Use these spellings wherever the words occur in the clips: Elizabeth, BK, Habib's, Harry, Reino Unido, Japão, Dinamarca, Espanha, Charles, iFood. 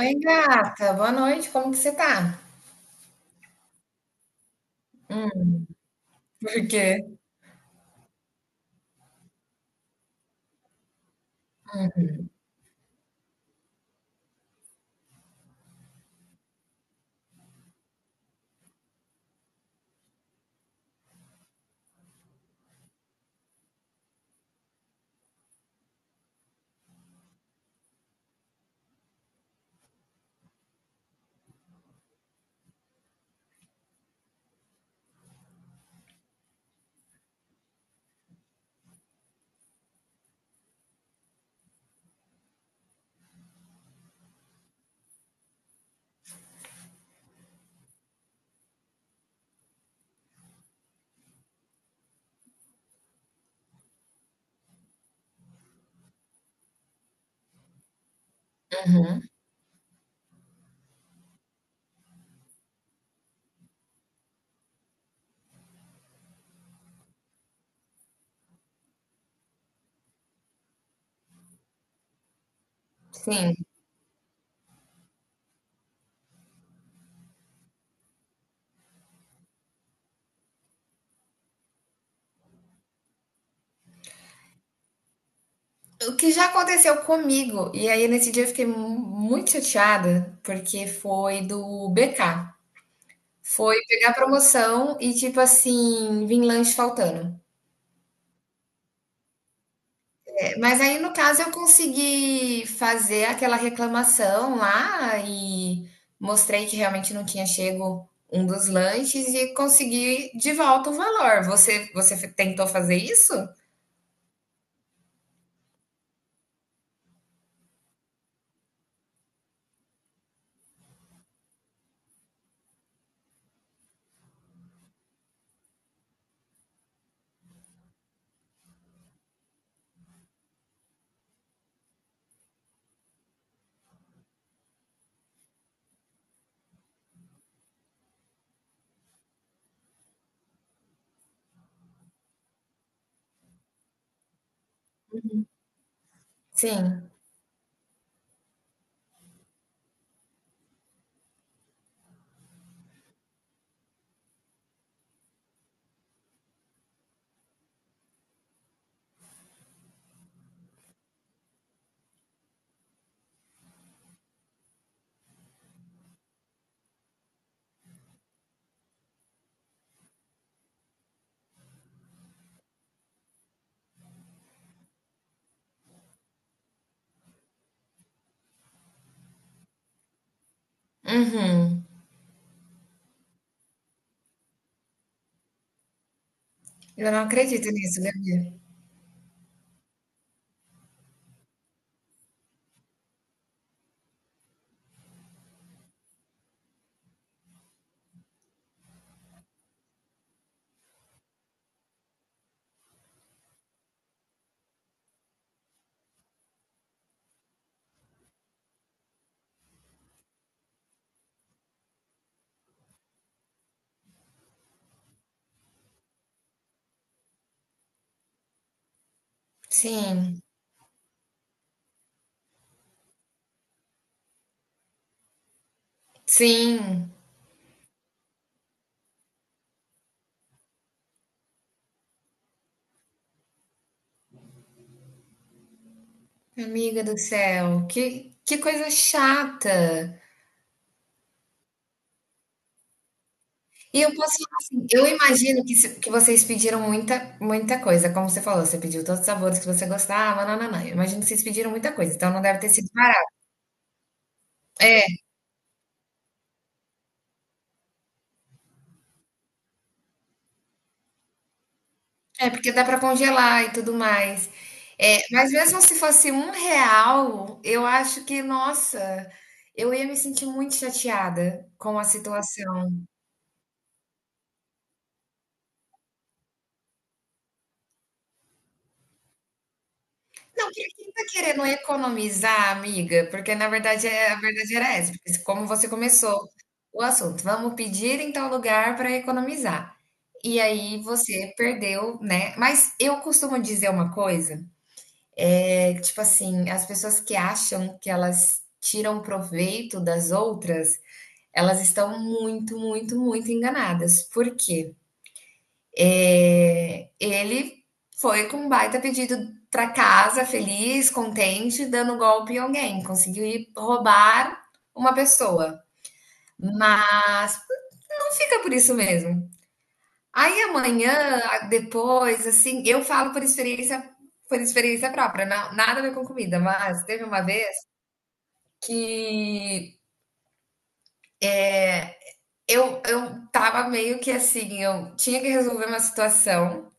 Oi, gata. Boa noite. Como que você tá? Hum, por quê? Uhum, sim. O que já aconteceu comigo, e aí nesse dia eu fiquei muito chateada, porque foi do BK. Foi pegar promoção e, tipo assim, vim lanche faltando. É, mas aí, no caso, eu consegui fazer aquela reclamação lá e mostrei que realmente não tinha chego um dos lanches e consegui de volta o valor. Você, você tentou fazer isso? Sim. Uhum. Eu não acredito nisso, Gabi. Sim, sim, amiga do céu, que coisa chata. E eu posso falar assim, eu imagino que, que vocês pediram muita, muita coisa, como você falou, você pediu todos os sabores que você gostava, nananã. Eu imagino que vocês pediram muita coisa, então não deve ter sido barato. É, é, porque dá para congelar e tudo mais. É, mas mesmo se fosse um real, eu acho que, nossa, eu ia me sentir muito chateada com a situação. Não, quem tá querendo economizar, amiga? Porque na verdade, é a verdade era essa, porque como você começou o assunto, vamos pedir em tal lugar para economizar. E aí você perdeu, né? Mas eu costumo dizer uma coisa, é que, tipo assim, as pessoas que acham que elas tiram proveito das outras, elas estão muito, muito, muito enganadas. Por quê? É, ele foi com um baita pedido para casa, feliz, contente, dando golpe em alguém. Conseguiu ir roubar uma pessoa. Mas não fica por isso mesmo. Aí amanhã, depois, assim, eu falo por experiência própria, não, nada a ver com comida, mas teve uma vez que eu tava meio que assim, eu tinha que resolver uma situação.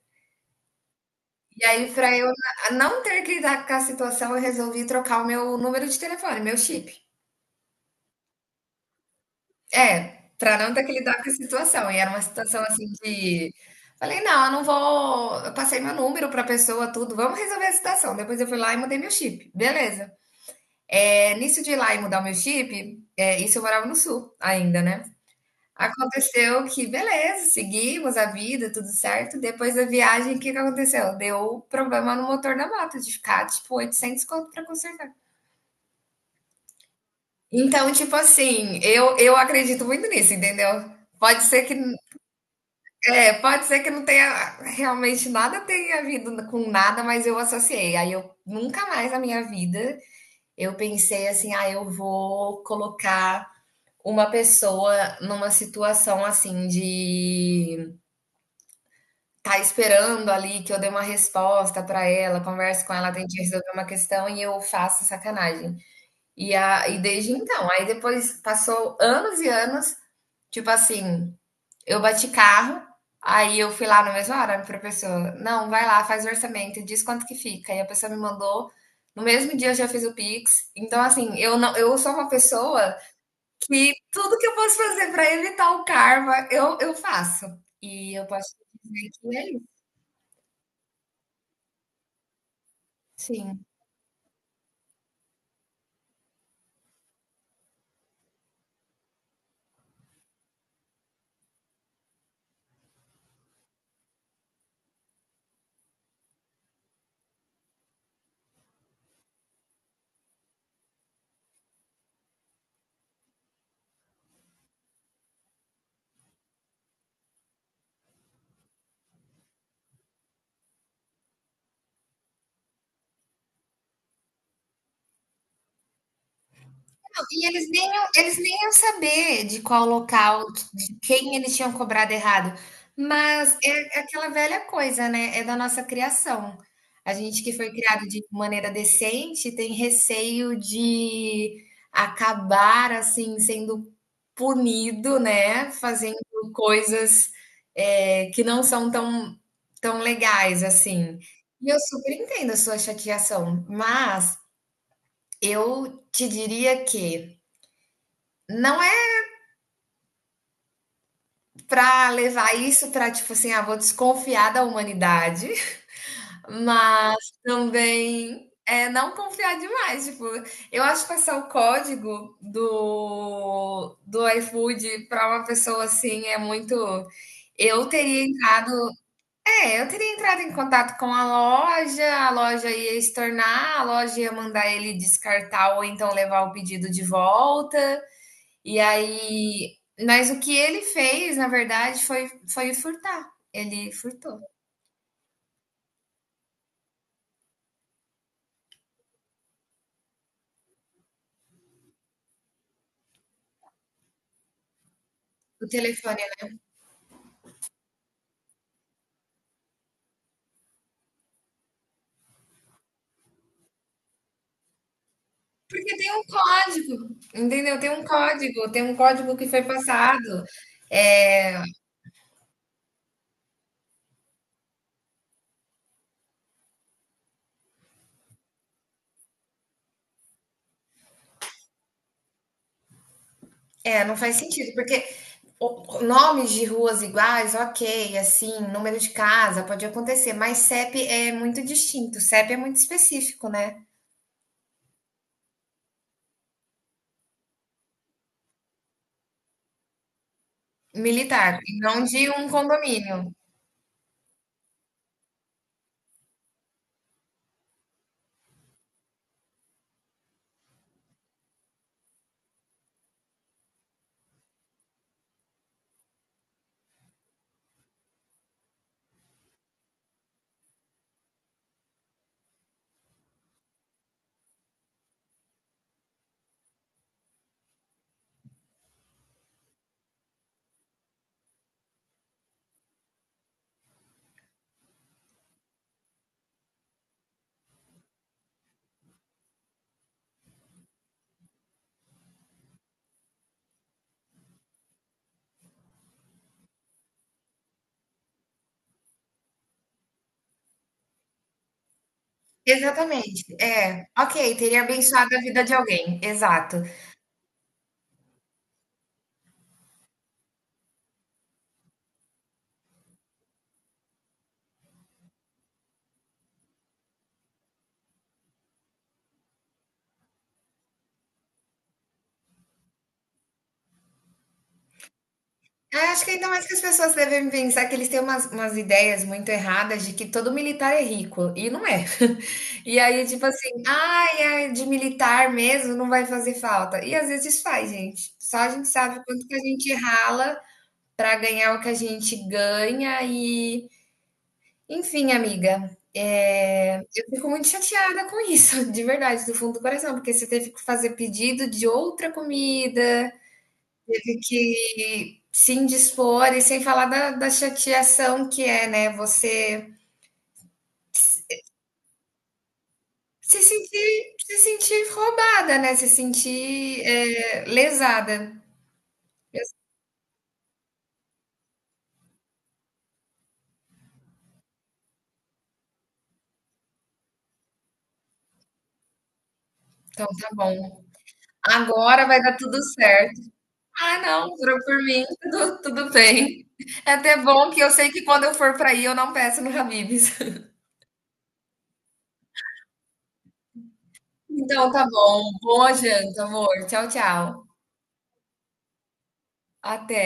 E aí, para eu não ter que lidar com a situação, eu resolvi trocar o meu número de telefone, meu chip. É, para não ter que lidar com a situação. E era uma situação, assim, de falei: "Não, eu não vou", eu passei meu número para pessoa, tudo, "vamos resolver a situação". Depois eu fui lá e mudei meu chip, beleza. É, nisso de ir lá e mudar o meu chip, é, isso eu morava no sul ainda, né. Aconteceu que beleza, seguimos a vida, tudo certo. Depois da viagem, o que que aconteceu? Deu problema no motor da moto, de ficar, tipo, 800 conto para consertar. Então, tipo assim, eu acredito muito nisso, entendeu? Pode ser que, pode ser que não tenha realmente nada tenha havido com nada, mas eu associei. Aí eu nunca mais na minha vida eu pensei assim, ah, eu vou colocar uma pessoa numa situação assim de tá esperando ali que eu dê uma resposta pra ela, converso com ela, tente resolver uma questão e eu faço sacanagem. E desde então, aí depois passou anos e anos. Tipo assim, eu bati carro, aí eu fui lá na mesma hora pra pessoa, não, vai lá, faz o orçamento, diz quanto que fica. E a pessoa me mandou, no mesmo dia eu já fiz o Pix. Então, assim, eu não, eu sou uma pessoa que tudo que eu posso fazer pra evitar o karma, eu faço. E eu posso dizer que é isso. Sim. E eles nem, eles nem iam saber de qual local, de quem eles tinham cobrado errado. Mas é aquela velha coisa, né? É da nossa criação. A gente que foi criado de maneira decente tem receio de acabar assim sendo punido, né? Fazendo coisas que não são tão, tão legais assim. E eu super entendo a sua chateação, mas eu te diria que não é para levar isso para tipo assim, ah, vou desconfiar da humanidade, mas também, não confiar demais, tipo, eu acho que passar o código do iFood para uma pessoa, assim, é muito, eu teria entrado, eu teria entrado em contato com a loja ia estornar, a loja ia mandar ele descartar ou então levar o pedido de volta. E aí, mas o que ele fez, na verdade, foi foi furtar. Ele furtou o telefone, né. Porque tem um código, entendeu? Tem um código que foi passado. Eh, não faz sentido, porque o nomes de ruas iguais, ok, assim, número de casa pode acontecer, mas CEP é muito distinto, CEP é muito específico, né, militar, e não de um condomínio. Exatamente, é. Ok, teria abençoado a vida de alguém, exato. Eu acho que ainda mais que as pessoas devem pensar que eles têm umas ideias muito erradas de que todo militar é rico, e não é. E aí, tipo assim: "Ai, é de militar mesmo, não vai fazer falta", e às vezes faz gente, só a gente sabe o quanto que a gente rala para ganhar o que a gente ganha e enfim, amiga, é, eu fico muito chateada com isso, de verdade, do fundo do coração, porque você teve que fazer pedido de outra comida, teve que se indispor, e sem falar da chateação que é, né? Você se sentir, se sentir roubada, né? Se sentir, é, lesada. Então tá bom. Agora vai dar tudo certo. Ah, não, jurou por mim, tudo, tudo bem. É até bom que eu sei que quando eu for para aí eu não peço no Habib's. Então tá bom. Boa janta, amor. Tchau, tchau. Até.